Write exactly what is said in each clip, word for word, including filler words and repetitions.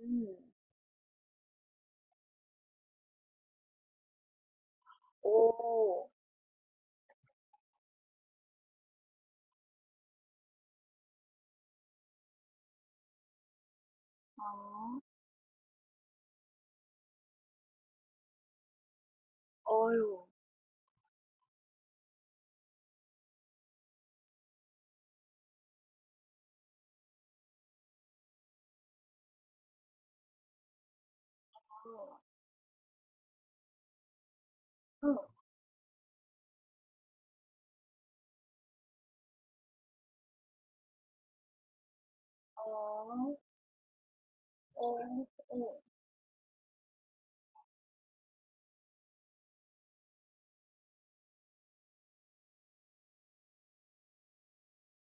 음. 오. 아. 어유. 어. 응. 어. 어. 어.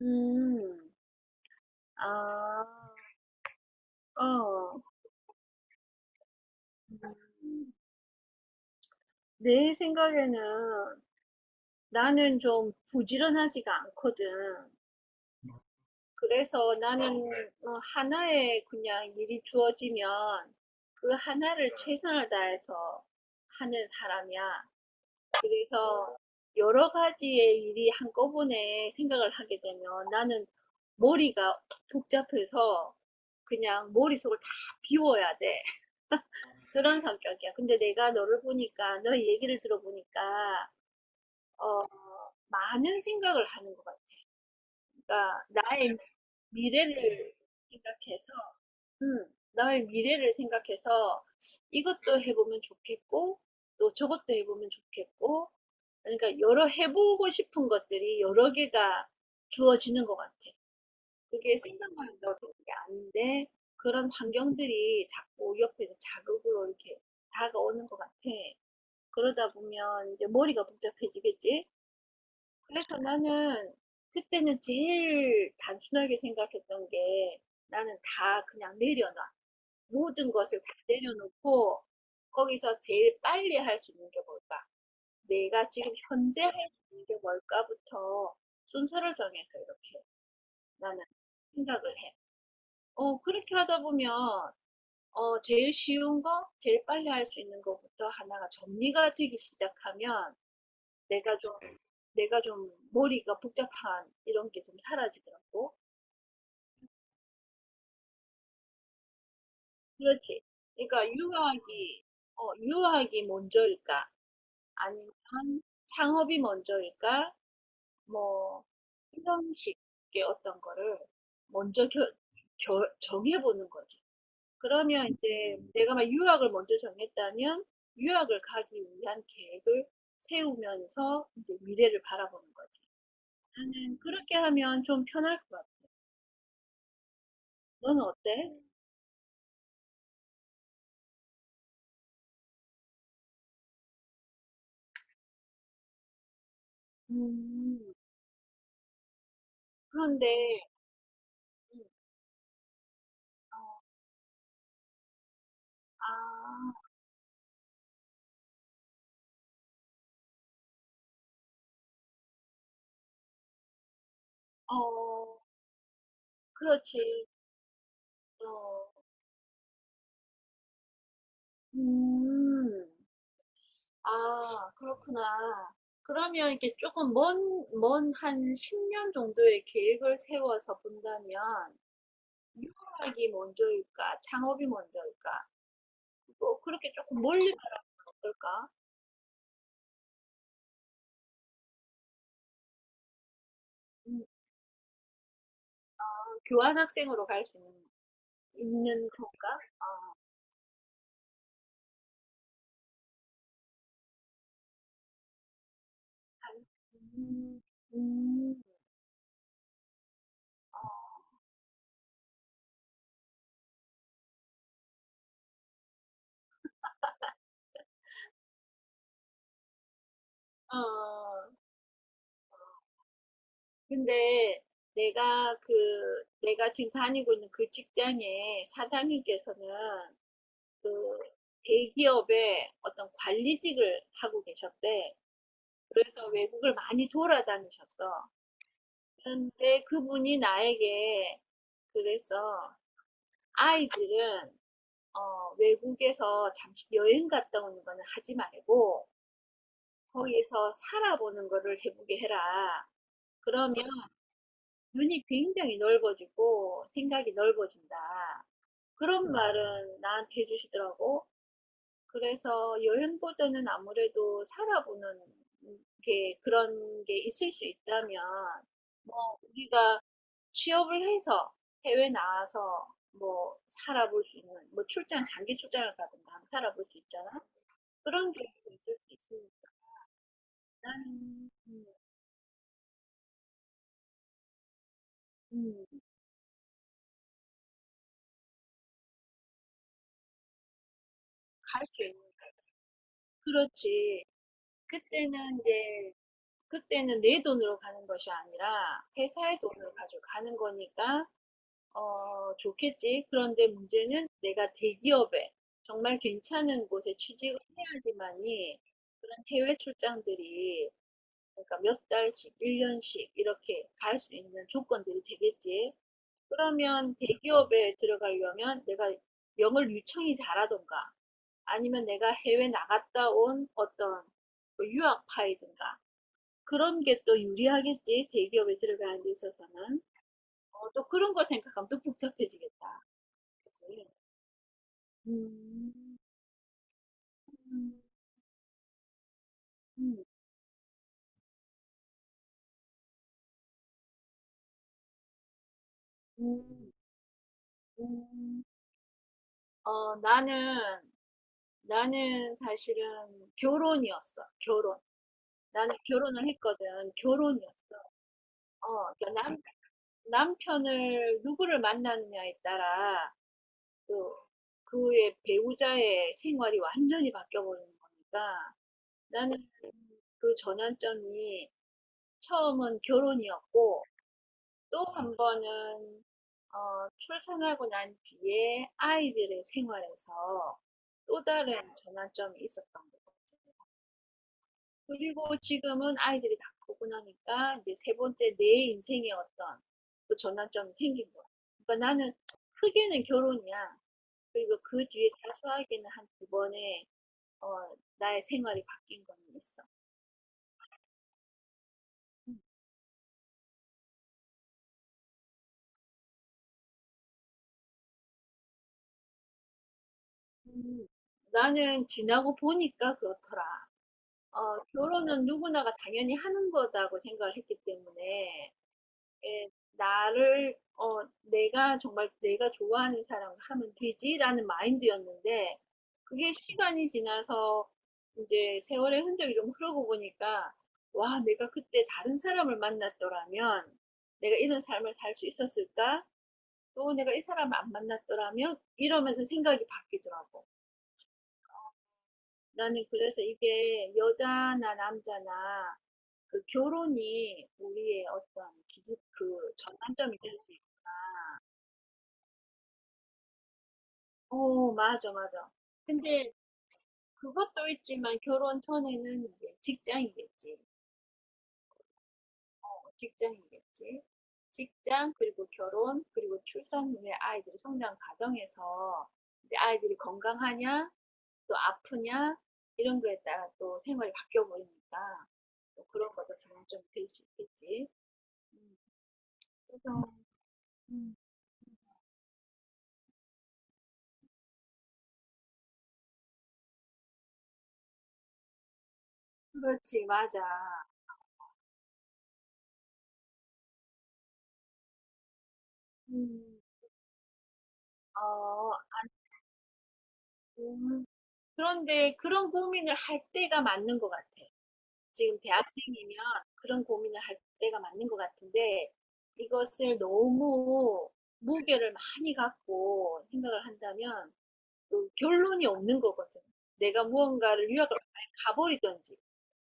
음. 아. 어. 음. 내 생각에는 나는 좀 부지런하지가 않거든. 그래서 나는 어, 하나에 그냥 일이 주어지면 그 하나를 최선을 다해서 하는 사람이야. 그래서 여러 가지의 일이 한꺼번에 생각을 하게 되면 나는 머리가 복잡해서 그냥 머릿속을 다 비워야 돼. 그런 성격이야. 근데 내가 너를 보니까, 너의 얘기를 들어보니까, 어, 많은 생각을 하는 것 같아. 그러니까 나의 미래를 생각해서 음, 나의 미래를 생각해서 이것도 해보면 좋겠고, 또 저것도 해보면 좋겠고, 그러니까 여러 해보고 싶은 것들이 여러 개가 주어지는 것 같아. 그게 생각만 넣는 게 아닌데, 그런 환경들이 자꾸 옆에서 자극으로 이렇게 다가오는 것 같아. 그러다 보면 이제 머리가 복잡해지겠지? 그래서 나는 그때는 제일 단순하게 생각했던 게 나는 다 그냥 내려놔. 모든 것을 다 내려놓고 거기서 제일 빨리 할 수 있는 게 뭘까? 내가 지금 현재 할 수 있는 게 뭘까부터 순서를 정해서 이렇게 나는 생각을 해. 어, 그렇게 하다 보면 어, 제일 쉬운 거, 제일 빨리 할 수 있는 것부터 하나가 정리가 되기 시작하면 내가 좀, 내가 좀 머리가 복잡한 이런 게 좀 사라지더라고. 그렇지. 그러니까 유학이, 어, 유학이 먼저일까? 아니면 창업이 먼저일까? 뭐 이런 식의 어떤 거를 먼저 결, 결, 정해보는 거지. 그러면 이제 내가 막 유학을 먼저 정했다면 유학을 가기 위한 계획을 세우면서 이제 미래를 바라보는 거지. 나는 그렇게 하면 좀 편할 것 같아. 너는 어때? 음, 그런데, 음, 어, 아, 어, 그렇지. 어, 음. 아, 그렇구나. 그러면 이렇게 조금 먼, 먼 한 십 년 정도의 계획을 세워서 본다면, 유학이 먼저일까? 창업이 먼저일까? 뭐, 그렇게 조금 멀리 바라보면 어떨까? 음, 교환학생으로 갈 수 있는, 있는 건가? 아니, 음, 음, 어, 근데 내가 그, 내가 지금 다니고 있는 그 직장의 사장님께서는 그 대기업의 어떤 관리직을 하고 계셨대. 그래서 외국을 많이 돌아다니셨어. 그런데 그분이 나에게 그래서 아이들은 어, 외국에서 잠시 여행 갔다 오는 거는 하지 말고 거기에서 살아보는 거를 해보게 해라. 그러면 눈이 굉장히 넓어지고 생각이 넓어진다. 그런 말은 나한테 해주시더라고. 그래서 여행보다는 아무래도 살아보는 게 그런 게 있을 수 있다면, 뭐 우리가 취업을 해서 해외 나와서 뭐 살아볼 수 있는 뭐 출장, 장기 출장을 가든가 하면 살아볼 수 있잖아. 그런 계획도 있을 수 있으니까 나는 음, 음, 갈 수 있는 거지. 그렇지. 그때는 이제, 그때는 내 돈으로 가는 것이 아니라 회사의 돈을 가지고 가는 거니까 어, 좋겠지. 그런데 문제는 내가 대기업에 정말 괜찮은 곳에 취직을 해야지만이 그런 해외 출장들이, 그러니까 몇 달씩, 일 년씩 이렇게 갈 수 있는 조건들이 되겠지. 그러면 대기업에 들어가려면 내가 영어를 유창히 잘하던가 아니면 내가 해외 나갔다 온 어떤 그 유학파이든가, 그런 게 또 유리하겠지. 대기업에 들어가는 데 있어서는. 어, 또 그런 거 생각하면 또 복잡해지겠다. 그치? 음, 음, 음, 음. 음. 어, 나는, 나는 사실은 결혼이었어. 결혼. 나는 결혼을 했거든. 결혼이었어. 어, 그러니까 남, 남편을 누구를 만나느냐에 따라 또 그의 배우자의 생활이 완전히 바뀌어 버리는 거니까 나는 그 전환점이 처음은 결혼이었고, 또 한 번은 어, 출산하고 난 뒤에 아이들의 생활에서 또 다른 전환점이 있었던 것 같아요. 그리고 지금은 아이들이 다 크고 나니까 이제 세 번째 내 인생의 어떤 또 전환점이 생긴 거야. 그러니까 나는 크게는 결혼이야. 그리고 그 뒤에 사소하게는 한 두 번의 어, 나의 생활이 바뀐 거는 있어. 음. 음, 나는 지나고 보니까 그렇더라. 어, 결혼은 누구나가 당연히 하는 거다고 생각을 했기 때문에, 예, 나를, 어, 내가 정말 내가 좋아하는 사람을 하면 되지라는 마인드였는데, 그게 시간이 지나서 이제 세월의 흔적이 좀 흐르고 보니까, 와, 내가 그때 다른 사람을 만났더라면 내가 이런 삶을 살 수 있었을까? 또 내가 이 사람을 안 만났더라면, 이러면서 생각이 바뀌더라고. 나는 그래서 이게 여자나 남자나 그 결혼이 우리의 어떤 기준, 그 전환점이 될 수 있고. 오, 맞아, 맞아. 근데 그것도 있지만 결혼 전에는 이제 직장이겠지. 어, 직장이겠지. 직장, 그리고 결혼, 그리고 출산 후에 아이들이 성장 과정에서, 이제 아이들이 건강하냐, 또 아프냐, 이런 거에 따라 또 생활이 바뀌어 버리니까 또 그런 것도 전환점이 될 수 있겠지. 음, 그래서, 음. 그렇지, 맞아. 음. 어, 음, 그런데 그런 고민을 할 때가 맞는 것 같아. 지금 대학생이면 그런 고민을 할 때가 맞는 것 같은데, 이것을 너무 무게를 많이 갖고 생각을 한다면 또 결론이 없는 거거든. 내가 무언가를 유학을 가버리든지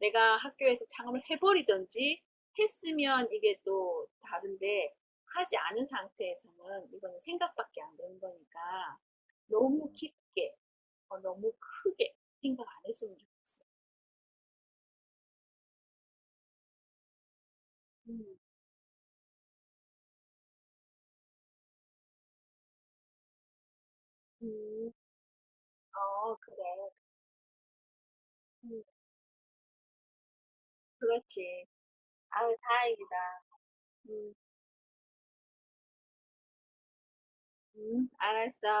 내가 학교에서 창업을 해버리든지 했으면 이게 또 다른데, 하지 않은 상태에서는 이거는 생각밖에 안 되는 거니까 너무 깊게, 어, 너무 크게 생각 안 했으면 좋겠어. 음, 음, 어, 그래. 음, 그렇지. 아유, 다행이다. 음, 음, 알았어.